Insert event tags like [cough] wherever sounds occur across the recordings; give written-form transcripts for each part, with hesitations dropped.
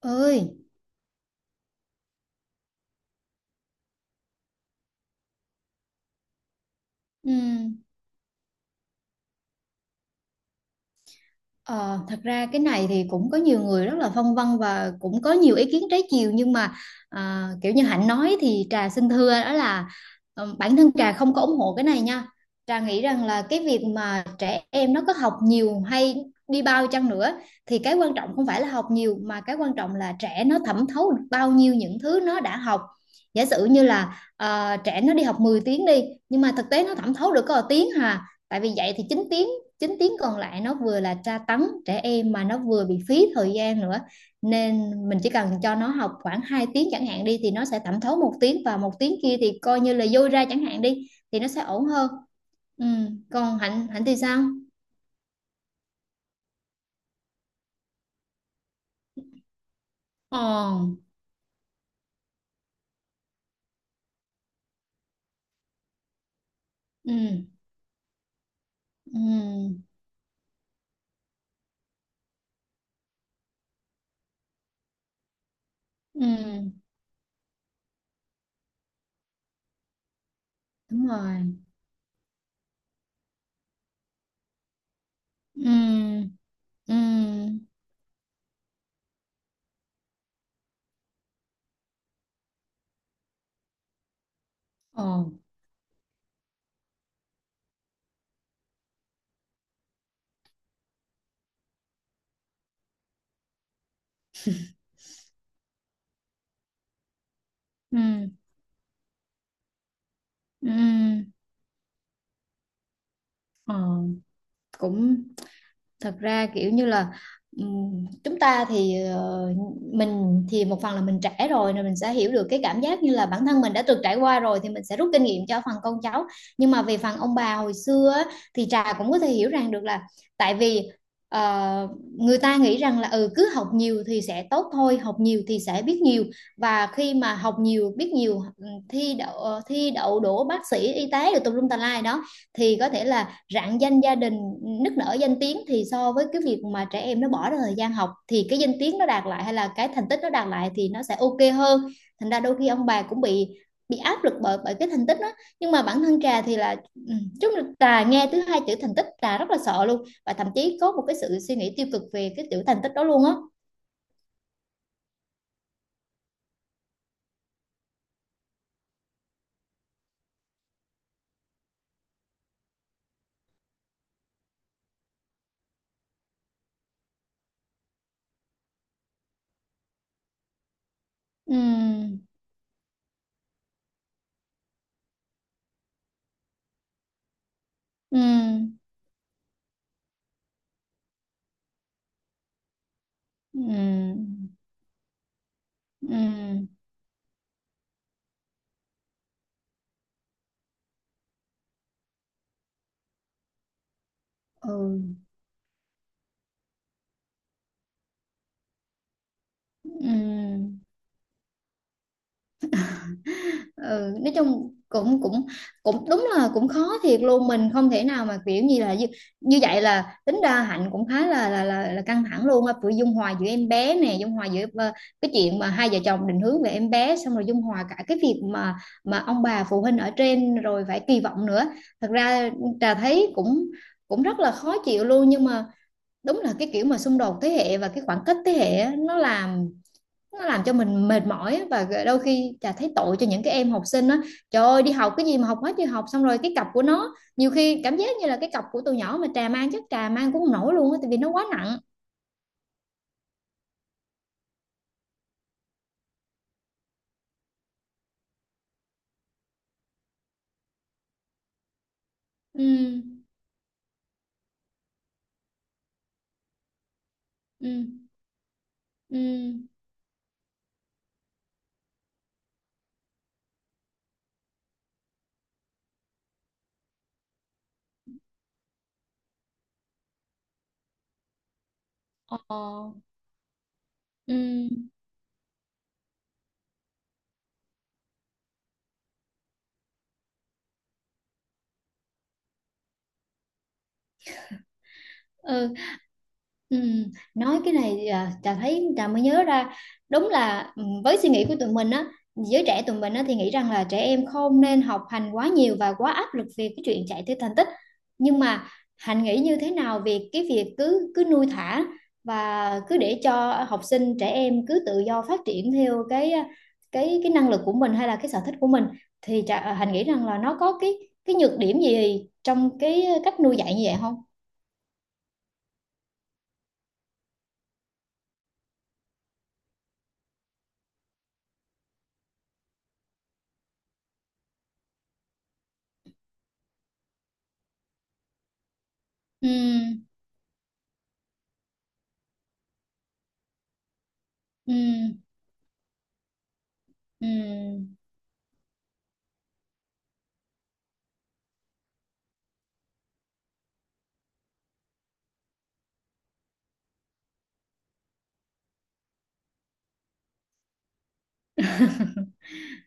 Ơi. ừm, ờ, Thật ra cái này thì cũng có nhiều người rất là phân vân và cũng có nhiều ý kiến trái chiều, nhưng mà kiểu như Hạnh nói thì Trà xin thưa đó là, bản thân Trà không có ủng hộ cái này nha. Trà nghĩ rằng là cái việc mà trẻ em nó có học nhiều hay đi bao chăng nữa thì cái quan trọng không phải là học nhiều, mà cái quan trọng là trẻ nó thẩm thấu được bao nhiêu những thứ nó đã học. Giả sử như là trẻ nó đi học 10 tiếng đi, nhưng mà thực tế nó thẩm thấu được có 1 tiếng hà, tại vì vậy thì 9 tiếng, 9 tiếng còn lại nó vừa là tra tấn trẻ em, mà nó vừa bị phí thời gian nữa. Nên mình chỉ cần cho nó học khoảng 2 tiếng chẳng hạn đi, thì nó sẽ thẩm thấu 1 tiếng, và 1 tiếng kia thì coi như là dôi ra chẳng hạn đi, thì nó sẽ ổn hơn. Ừ. Còn Hạnh Hạnh thì sao? Ờ. Ừ. Ừ. Ừ. Đúng rồi. Ừ. Ừ. Ờ. Ừ. Ừ. Ờ. Cũng thật ra kiểu như là, chúng ta thì mình thì một phần là mình trẻ rồi nên mình sẽ hiểu được cái cảm giác như là bản thân mình đã từng trải qua rồi, thì mình sẽ rút kinh nghiệm cho phần con cháu. Nhưng mà về phần ông bà hồi xưa á, thì Trà cũng có thể hiểu rằng được là, tại vì ờ, người ta nghĩ rằng là ừ cứ học nhiều thì sẽ tốt thôi, học nhiều thì sẽ biết nhiều. Và khi mà học nhiều biết nhiều, thi đậu thi đậu đỗ bác sĩ y tế rồi tùm lum tà lai đó, thì có thể là rạng danh gia đình nức nở danh tiếng, thì so với cái việc mà trẻ em nó bỏ ra thời gian học thì cái danh tiếng nó đạt lại hay là cái thành tích nó đạt lại thì nó sẽ ok hơn. Thành ra đôi khi ông bà cũng bị, áp lực bởi bởi cái thành tích đó. Nhưng mà bản thân trà thì là ừ, trà nghe thứ hai chữ thành tích trà rất là sợ luôn, và thậm chí có một cái sự suy nghĩ tiêu cực về cái chữ thành tích đó luôn á. Ừ. Ừ. Ừ. Ừ. Ừ. Ừ. Ừ, nói chung cũng cũng cũng đúng là cũng khó thiệt luôn, mình không thể nào mà kiểu như là như vậy. Là tính ra Hạnh cũng khá là căng thẳng luôn á, vừa dung hòa giữa em bé nè, dung hòa giữa cái chuyện mà hai vợ chồng định hướng về em bé, xong rồi dung hòa cả cái việc mà ông bà phụ huynh ở trên rồi phải kỳ vọng nữa. Thật ra Trà thấy cũng cũng rất là khó chịu luôn, nhưng mà đúng là cái kiểu mà xung đột thế hệ và cái khoảng cách thế hệ á, nó làm cho mình mệt mỏi á, và đôi khi chả thấy tội cho những cái em học sinh á. Trời ơi, đi học cái gì mà học quá trời học, xong rồi cái cặp của nó nhiều khi cảm giác như là cái cặp của tụi nhỏ mà trà mang chắc trà mang cũng không nổi luôn á, tại vì nó quá nặng. Ừ. Ừ. Ừ. Ờ. Ừ. Ừ. Ừ. Nói cái này Trà thấy Trà mới nhớ ra đúng là ừ, với suy nghĩ của tụi mình á, giới trẻ tụi mình á, thì nghĩ rằng là trẻ em không nên học hành quá nhiều và quá áp lực về cái chuyện chạy theo thành tích. Nhưng mà Hạnh nghĩ như thế nào về cái việc cứ cứ nuôi thả và cứ để cho học sinh trẻ em cứ tự do phát triển theo cái, cái năng lực của mình hay là cái sở thích của mình? Thì Hạnh nghĩ rằng là nó có cái nhược điểm gì trong cái cách nuôi dạy như vậy không? Ừ. Ừ. Ừ.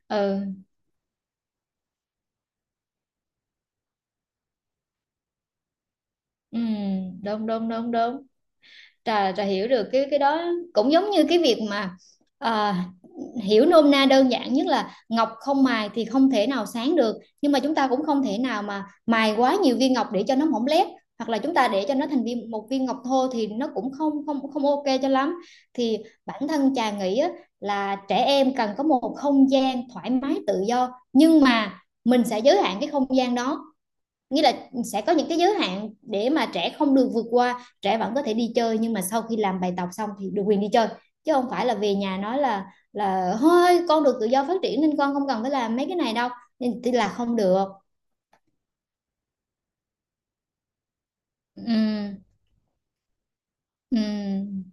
Ừ. Ừ. Đúng đúng đúng đúng. Trà trà hiểu được cái đó, cũng giống như cái việc mà à, hiểu nôm na đơn giản nhất là ngọc không mài thì không thể nào sáng được, nhưng mà chúng ta cũng không thể nào mà mài quá nhiều viên ngọc để cho nó mỏng lép, hoặc là chúng ta để cho nó thành viên một viên ngọc thô thì nó cũng không không không ok cho lắm. Thì bản thân trà nghĩ á, là trẻ em cần có một không gian thoải mái tự do, nhưng mà mình sẽ giới hạn cái không gian đó, nghĩa là sẽ có những cái giới hạn để mà trẻ không được vượt qua, trẻ vẫn có thể đi chơi, nhưng mà sau khi làm bài tập xong thì được quyền đi chơi, chứ không phải là về nhà nói là, thôi con được tự do phát triển nên con không cần phải làm mấy cái này đâu, nên là không được. Ừ. Ừ.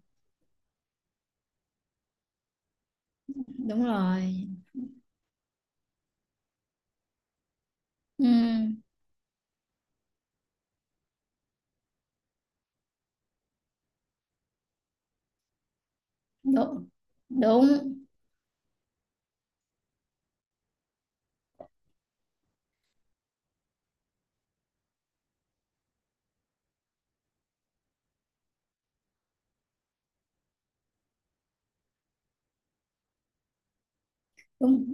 Đúng rồi. Ừ, đúng đúng đúng.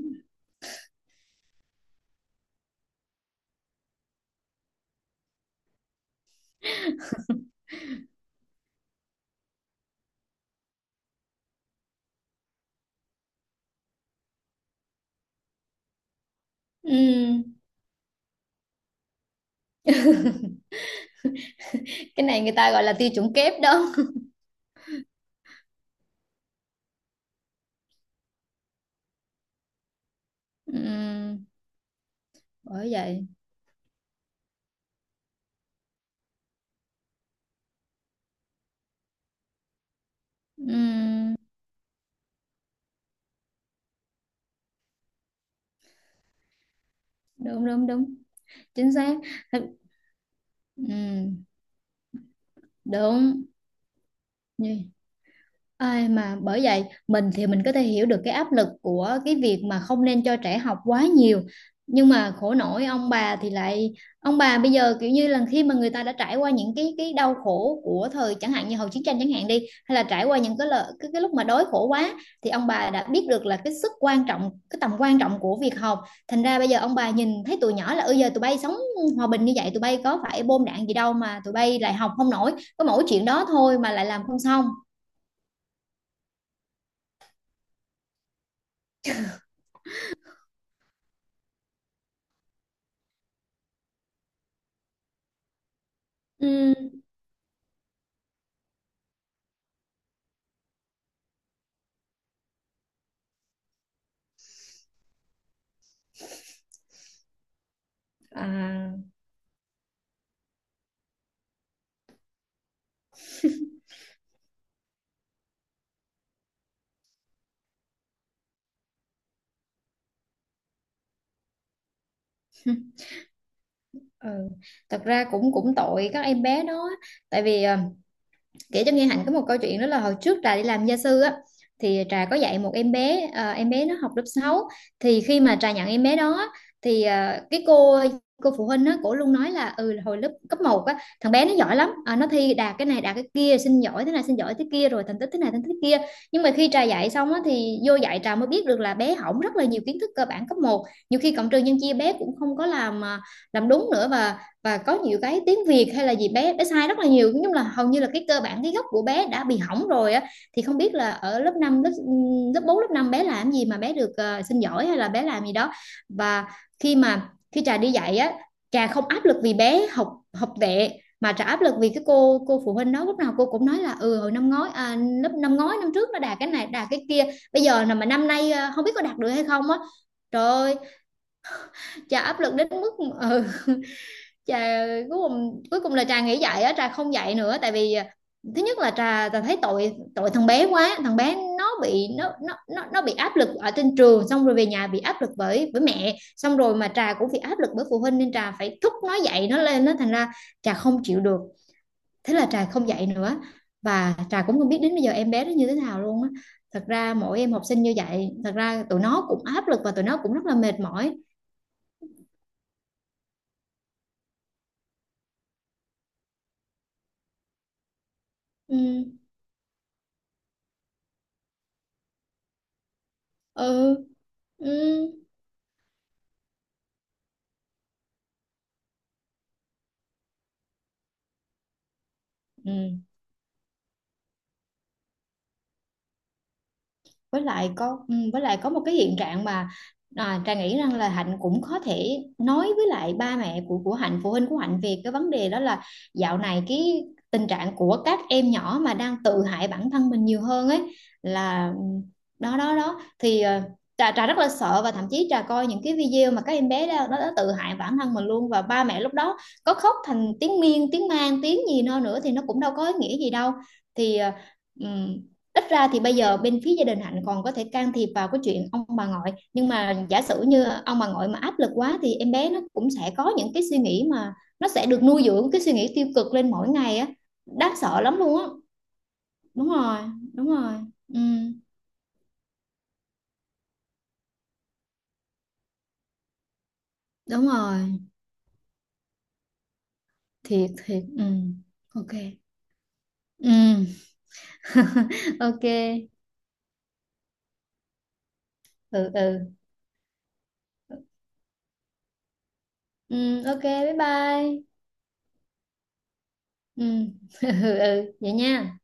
Ừ, cái này người ta gọi là tiêu chuẩn kép đó. Ừ, bởi vậy. Ừ, đúng đúng đúng, chính xác. Ừ, đúng. Như ai mà, bởi vậy mình thì mình có thể hiểu được cái áp lực của cái việc mà không nên cho trẻ học quá nhiều, nhưng mà khổ nổi ông bà thì lại, ông bà bây giờ kiểu như là khi mà người ta đã trải qua những cái đau khổ của thời chẳng hạn như hậu chiến tranh chẳng hạn đi, hay là trải qua những cái lợi cái lúc mà đói khổ quá, thì ông bà đã biết được là cái sức quan trọng cái tầm quan trọng của việc học. Thành ra bây giờ ông bà nhìn thấy tụi nhỏ là, ừ giờ tụi bay sống hòa bình như vậy, tụi bay có phải bom đạn gì đâu mà tụi bay lại học không nổi, có mỗi chuyện đó thôi mà lại làm không xong. Ừ. À, ừ. Thật ra cũng cũng tội các em bé đó, tại vì kể cho nghe Hạnh có một câu chuyện đó là hồi trước Trà đi làm gia sư á, thì Trà có dạy một em bé, em bé nó học lớp 6. Thì khi mà Trà nhận em bé đó á, thì cái cô phụ huynh á cổ luôn nói là, ừ là hồi lớp cấp 1 á thằng bé nó giỏi lắm. Ờ, nó thi đạt cái này đạt cái kia, xin giỏi thế này xin giỏi thế kia, rồi thành tích thế này thành tích thế kia. Nhưng mà khi Trà dạy xong á thì vô dạy Trà mới biết được là bé hỏng rất là nhiều kiến thức cơ bản cấp 1. Nhiều khi cộng trừ nhân chia bé cũng không có làm làm đúng nữa, và có nhiều cái tiếng Việt hay là gì bé bé sai rất là nhiều, nói chung là hầu như là cái cơ bản cái gốc của bé đã bị hỏng rồi á. Thì không biết là ở lớp 5, lớp lớp 4 lớp 5 bé làm gì mà bé được xin giỏi hay là bé làm gì đó. Và khi mà Trà đi dạy á, Trà không áp lực vì bé học học tệ, mà Trà áp lực vì cái cô phụ huynh đó, lúc nào cô cũng nói là ừ hồi năm ngoái, lớp năm ngoái năm trước nó đạt cái này đạt cái kia, bây giờ là mà năm nay không biết có đạt được hay không á. Trời ơi, Trà áp lực đến mức ừ, trà cuối cùng là trà nghĩ vậy á trà không dạy nữa, tại vì thứ nhất là trà trà thấy tội tội thằng bé quá, thằng bé nó bị nó bị áp lực ở trên trường, xong rồi về nhà bị áp lực bởi bởi mẹ, xong rồi mà trà cũng bị áp lực bởi phụ huynh nên trà phải thúc nó dạy nó lên nó, thành ra trà không chịu được. Thế là trà không dạy nữa, và trà cũng không biết đến bây giờ em bé nó như thế nào luôn á. Thật ra mỗi em học sinh như vậy thật ra tụi nó cũng áp lực và tụi nó cũng rất là mệt mỏi. Ừ. Ừ. Ừ. Ừ. Với lại có ừ, với lại có một cái hiện trạng mà Trà nghĩ rằng là Hạnh cũng có thể nói với lại ba mẹ của Hạnh, phụ huynh của Hạnh về cái vấn đề đó là, dạo này cái tình trạng của các em nhỏ mà đang tự hại bản thân mình nhiều hơn ấy, là, đó đó đó thì Trà rất là sợ và thậm chí Trà coi những cái video mà các em bé đó, nó đã tự hại bản thân mình luôn, và ba mẹ lúc đó có khóc thành tiếng miên tiếng man tiếng gì nó nữa thì nó cũng đâu có ý nghĩa gì đâu. Thì ừ, ít ra thì bây giờ bên phía gia đình Hạnh còn có thể can thiệp vào cái chuyện ông bà ngoại, nhưng mà giả sử như ông bà ngoại mà áp lực quá thì em bé nó cũng sẽ có những cái suy nghĩ mà nó sẽ được nuôi dưỡng cái suy nghĩ tiêu cực lên mỗi ngày á, đáng sợ lắm luôn á. Đúng rồi. Đúng rồi. Ừ, đúng rồi. Thiệt thiệt. Ừ. Ok. Ừ. [laughs] Ok. Ừ. Ừ. Ừ. Ok, bye bye. Ừ. [laughs] Ừ, ừ, vậy nha.